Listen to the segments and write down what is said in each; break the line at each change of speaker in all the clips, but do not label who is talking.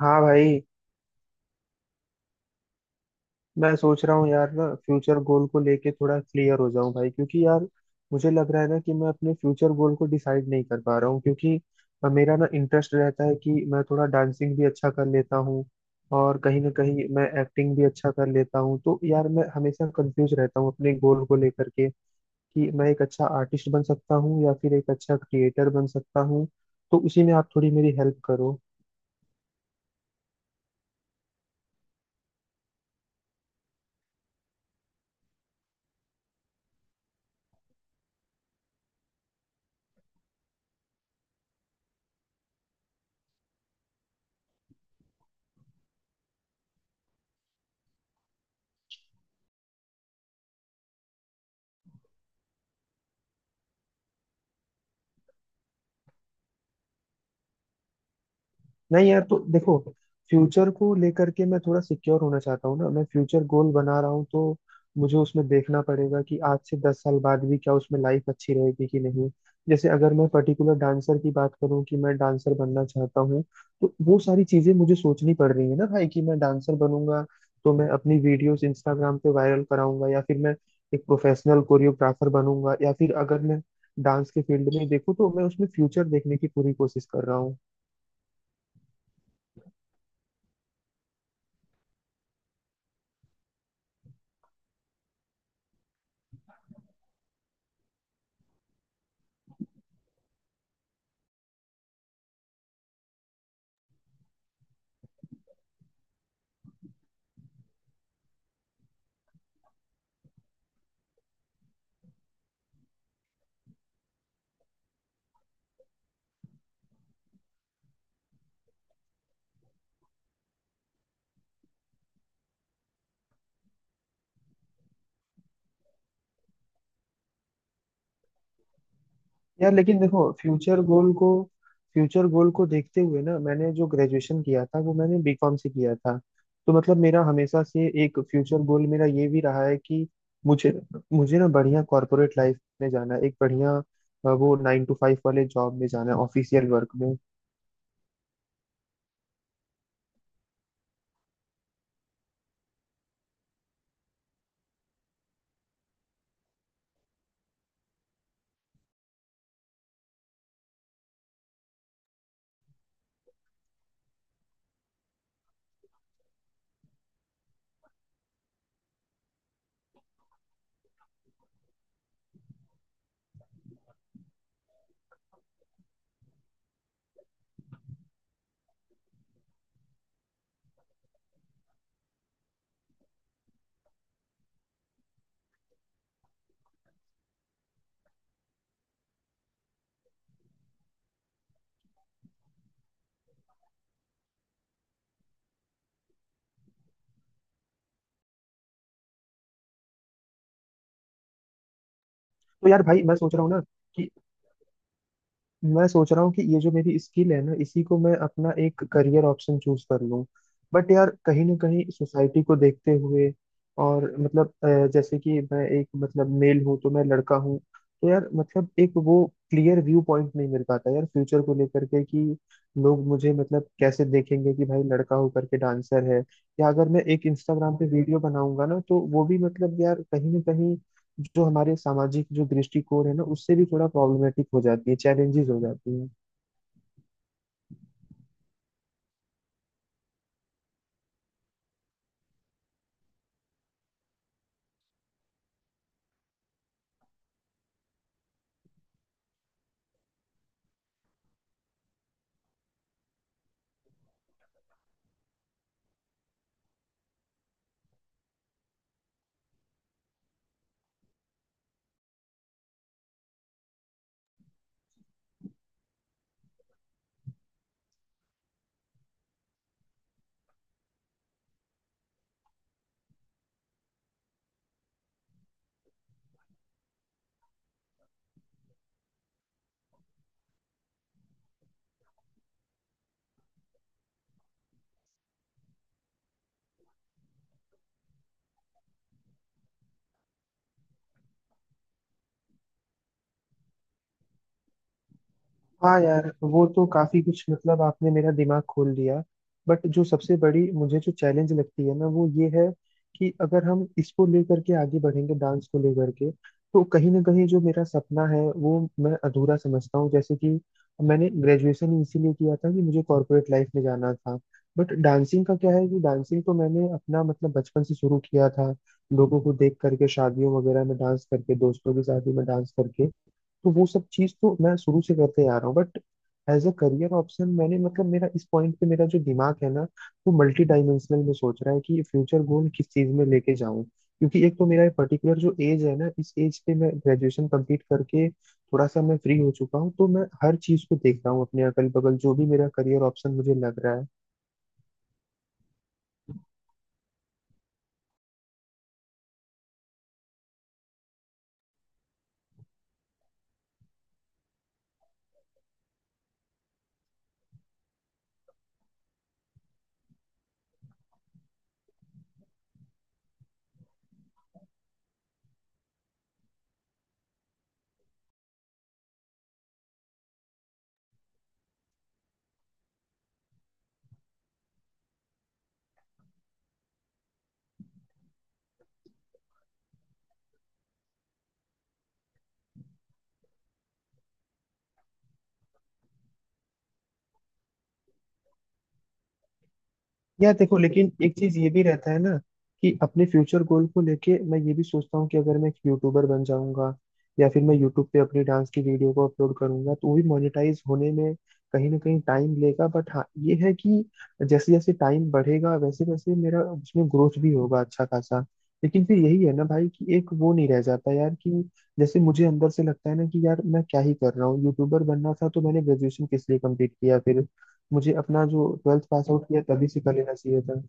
हाँ भाई। मैं सोच रहा हूँ यार ना, फ्यूचर गोल को लेके थोड़ा क्लियर हो जाऊं भाई, क्योंकि यार मुझे लग रहा है ना कि मैं अपने फ्यूचर गोल को डिसाइड नहीं कर पा रहा हूँ। क्योंकि मेरा ना इंटरेस्ट रहता है कि मैं थोड़ा डांसिंग भी अच्छा कर लेता हूँ, और कहीं ना कहीं मैं एक्टिंग भी अच्छा कर लेता हूँ। तो यार मैं हमेशा कंफ्यूज रहता हूँ अपने गोल को लेकर के कि मैं एक अच्छा आर्टिस्ट बन सकता हूँ या फिर एक अच्छा क्रिएटर बन सकता हूँ। तो उसी में आप थोड़ी मेरी हेल्प करो। नहीं यार, तो देखो, फ्यूचर को लेकर के मैं थोड़ा सिक्योर होना चाहता हूँ ना। मैं फ्यूचर गोल बना रहा हूँ तो मुझे उसमें देखना पड़ेगा कि आज से 10 साल बाद भी क्या उसमें लाइफ अच्छी रहेगी कि नहीं। जैसे अगर मैं पर्टिकुलर डांसर की बात करूँ कि मैं डांसर बनना चाहता हूँ, तो वो सारी चीजें मुझे सोचनी पड़ रही है ना भाई कि मैं डांसर बनूंगा तो मैं अपनी वीडियोस इंस्टाग्राम पे वायरल कराऊंगा, या फिर मैं एक प्रोफेशनल कोरियोग्राफर बनूंगा। या फिर अगर मैं डांस के फील्ड में देखूँ तो मैं उसमें फ्यूचर देखने की पूरी कोशिश कर रहा हूँ। यार लेकिन देखो फ्यूचर गोल को, फ्यूचर गोल को देखते हुए ना, मैंने जो ग्रेजुएशन किया था वो मैंने बीकॉम से किया था। तो मतलब मेरा हमेशा से एक फ्यूचर गोल मेरा ये भी रहा है कि मुझे मुझे ना बढ़िया कॉर्पोरेट लाइफ में जाना है, एक बढ़िया वो 9 to 5 वाले जॉब में जाना है, ऑफिशियल वर्क में। तो यार भाई मैं सोच रहा हूँ ना कि मैं सोच रहा हूँ कि ये जो मेरी स्किल है ना, इसी को मैं अपना एक करियर ऑप्शन चूज कर लूँ। बट यार कहीं ना कहीं सोसाइटी को देखते हुए, और मतलब जैसे कि मैं एक मतलब मेल हूँ, तो मैं लड़का हूँ। तो यार मतलब एक वो क्लियर व्यू पॉइंट नहीं मिल पाता यार फ्यूचर को लेकर के कि लोग मुझे मतलब कैसे देखेंगे कि भाई लड़का होकर के डांसर है। या अगर मैं एक इंस्टाग्राम पे वीडियो बनाऊंगा ना तो वो भी मतलब यार कहीं ना कहीं जो हमारे सामाजिक जो दृष्टिकोण है ना उससे भी थोड़ा प्रॉब्लमेटिक हो जाती है, चैलेंजेस हो जाती है। हाँ यार, वो तो काफी कुछ मतलब आपने मेरा दिमाग खोल दिया। बट जो सबसे बड़ी मुझे जो चैलेंज लगती है ना वो ये है कि अगर हम इसको लेकर के आगे बढ़ेंगे, डांस को लेकर के, तो कहीं ना कहीं जो मेरा सपना है वो मैं अधूरा समझता हूँ। जैसे कि मैंने ग्रेजुएशन इसीलिए किया था कि मुझे कॉर्पोरेट लाइफ में जाना था। बट डांसिंग का क्या है कि डांसिंग तो मैंने अपना मतलब बचपन से शुरू किया था, लोगों को देख करके, शादियों वगैरह में डांस करके, दोस्तों की शादी में डांस करके। तो वो सब चीज तो मैं शुरू से करते आ रहा हूँ, but as a career option मैंने मतलब मेरा इस पॉइंट पे मेरा जो दिमाग है ना वो मल्टी डायमेंशनल में सोच रहा है कि फ्यूचर गोल किस चीज में लेके जाऊं। क्योंकि एक तो मेरा ये पर्टिकुलर जो एज है ना, इस एज पे मैं ग्रेजुएशन कंप्लीट करके थोड़ा सा मैं फ्री हो चुका हूँ, तो मैं हर चीज को देख रहा हूँ अपने अगल बगल जो भी मेरा करियर ऑप्शन मुझे लग रहा है। यार देखो लेकिन एक चीज ये भी रहता है ना कि अपने फ्यूचर गोल को लेके मैं ये भी सोचता हूँ कि अगर मैं एक यूट्यूबर बन जाऊंगा या फिर मैं यूट्यूब पे अपनी डांस की वीडियो को अपलोड करूंगा, तो वो भी मोनेटाइज होने में कहीं ना कहीं टाइम लेगा। बट हाँ ये है कि जैसे जैसे टाइम बढ़ेगा वैसे वैसे मेरा उसमें ग्रोथ भी होगा अच्छा खासा। लेकिन फिर यही है ना भाई कि एक वो नहीं रह जाता यार, कि जैसे मुझे अंदर से लगता है ना कि यार मैं क्या ही कर रहा हूँ, यूट्यूबर बनना था तो मैंने ग्रेजुएशन किस लिए कंप्लीट किया फिर, मुझे अपना जो ट्वेल्थ पास आउट किया तभी से कर लेना चाहिए था।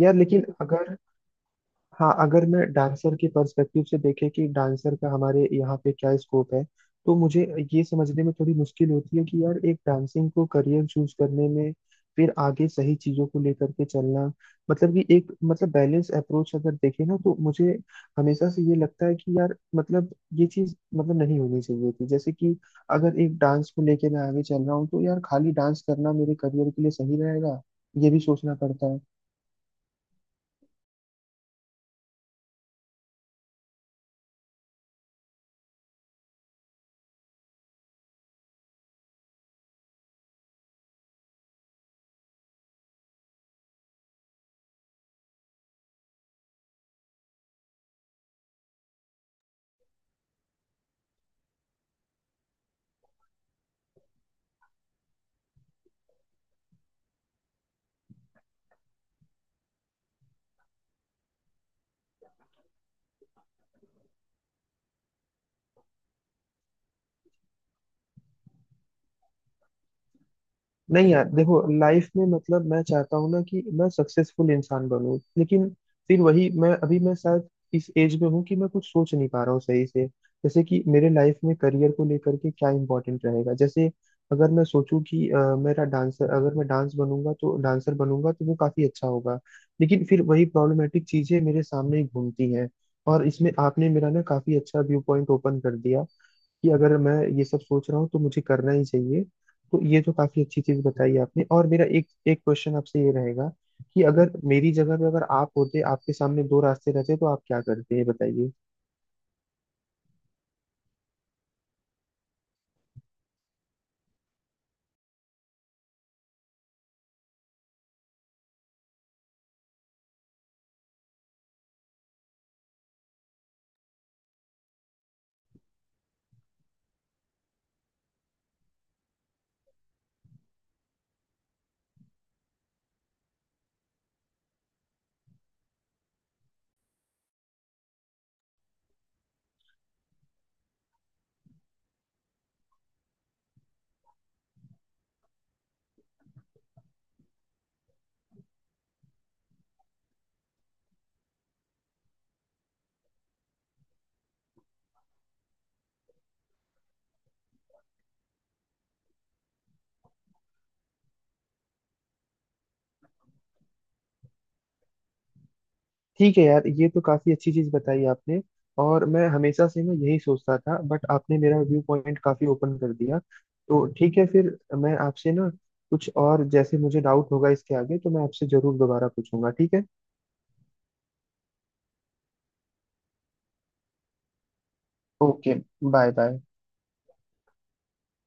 यार लेकिन अगर, हाँ, अगर मैं डांसर के पर्सपेक्टिव से देखे कि डांसर का हमारे यहाँ पे क्या स्कोप है, तो मुझे ये समझने में थोड़ी मुश्किल होती है कि यार एक डांसिंग को करियर चूज करने में फिर आगे सही चीजों को लेकर के चलना, मतलब कि एक मतलब बैलेंस अप्रोच अगर देखे ना, तो मुझे हमेशा से ये लगता है कि यार मतलब ये चीज मतलब नहीं होनी चाहिए थी। जैसे कि अगर एक डांस को लेके मैं आगे चल रहा हूँ, तो यार खाली डांस करना मेरे करियर के लिए सही रहेगा ये भी सोचना पड़ता है। नहीं यार देखो, लाइफ में मतलब मैं चाहता हूँ ना कि मैं सक्सेसफुल इंसान बनूं। लेकिन फिर वही, मैं शायद इस एज में हूँ कि मैं कुछ सोच नहीं पा रहा हूँ सही से, जैसे कि मेरे लाइफ में करियर को लेकर के क्या इंपॉर्टेंट रहेगा। जैसे अगर मैं सोचूं कि मेरा डांसर अगर मैं डांस बनूंगा तो डांसर बनूंगा तो वो काफी अच्छा होगा। लेकिन फिर वही प्रॉब्लमेटिक चीजें मेरे सामने ही घूमती हैं। और इसमें आपने मेरा ना काफी अच्छा व्यू पॉइंट ओपन कर दिया कि अगर मैं ये सब सोच रहा हूँ तो मुझे करना ही चाहिए। तो ये तो काफी अच्छी चीज बताई आपने। और मेरा एक एक क्वेश्चन आपसे ये रहेगा कि अगर मेरी जगह पे अगर आप होते, आपके सामने दो रास्ते रहते, तो आप क्या करते ये बताइए। ठीक है यार, ये तो काफी अच्छी चीज बताई आपने। और मैं हमेशा से ना यही सोचता था, बट आपने मेरा व्यू पॉइंट काफी ओपन कर दिया। तो ठीक है, फिर मैं आपसे ना कुछ और जैसे मुझे डाउट होगा इसके आगे तो मैं आपसे जरूर दोबारा पूछूंगा। ठीक है। ओके। Bye bye.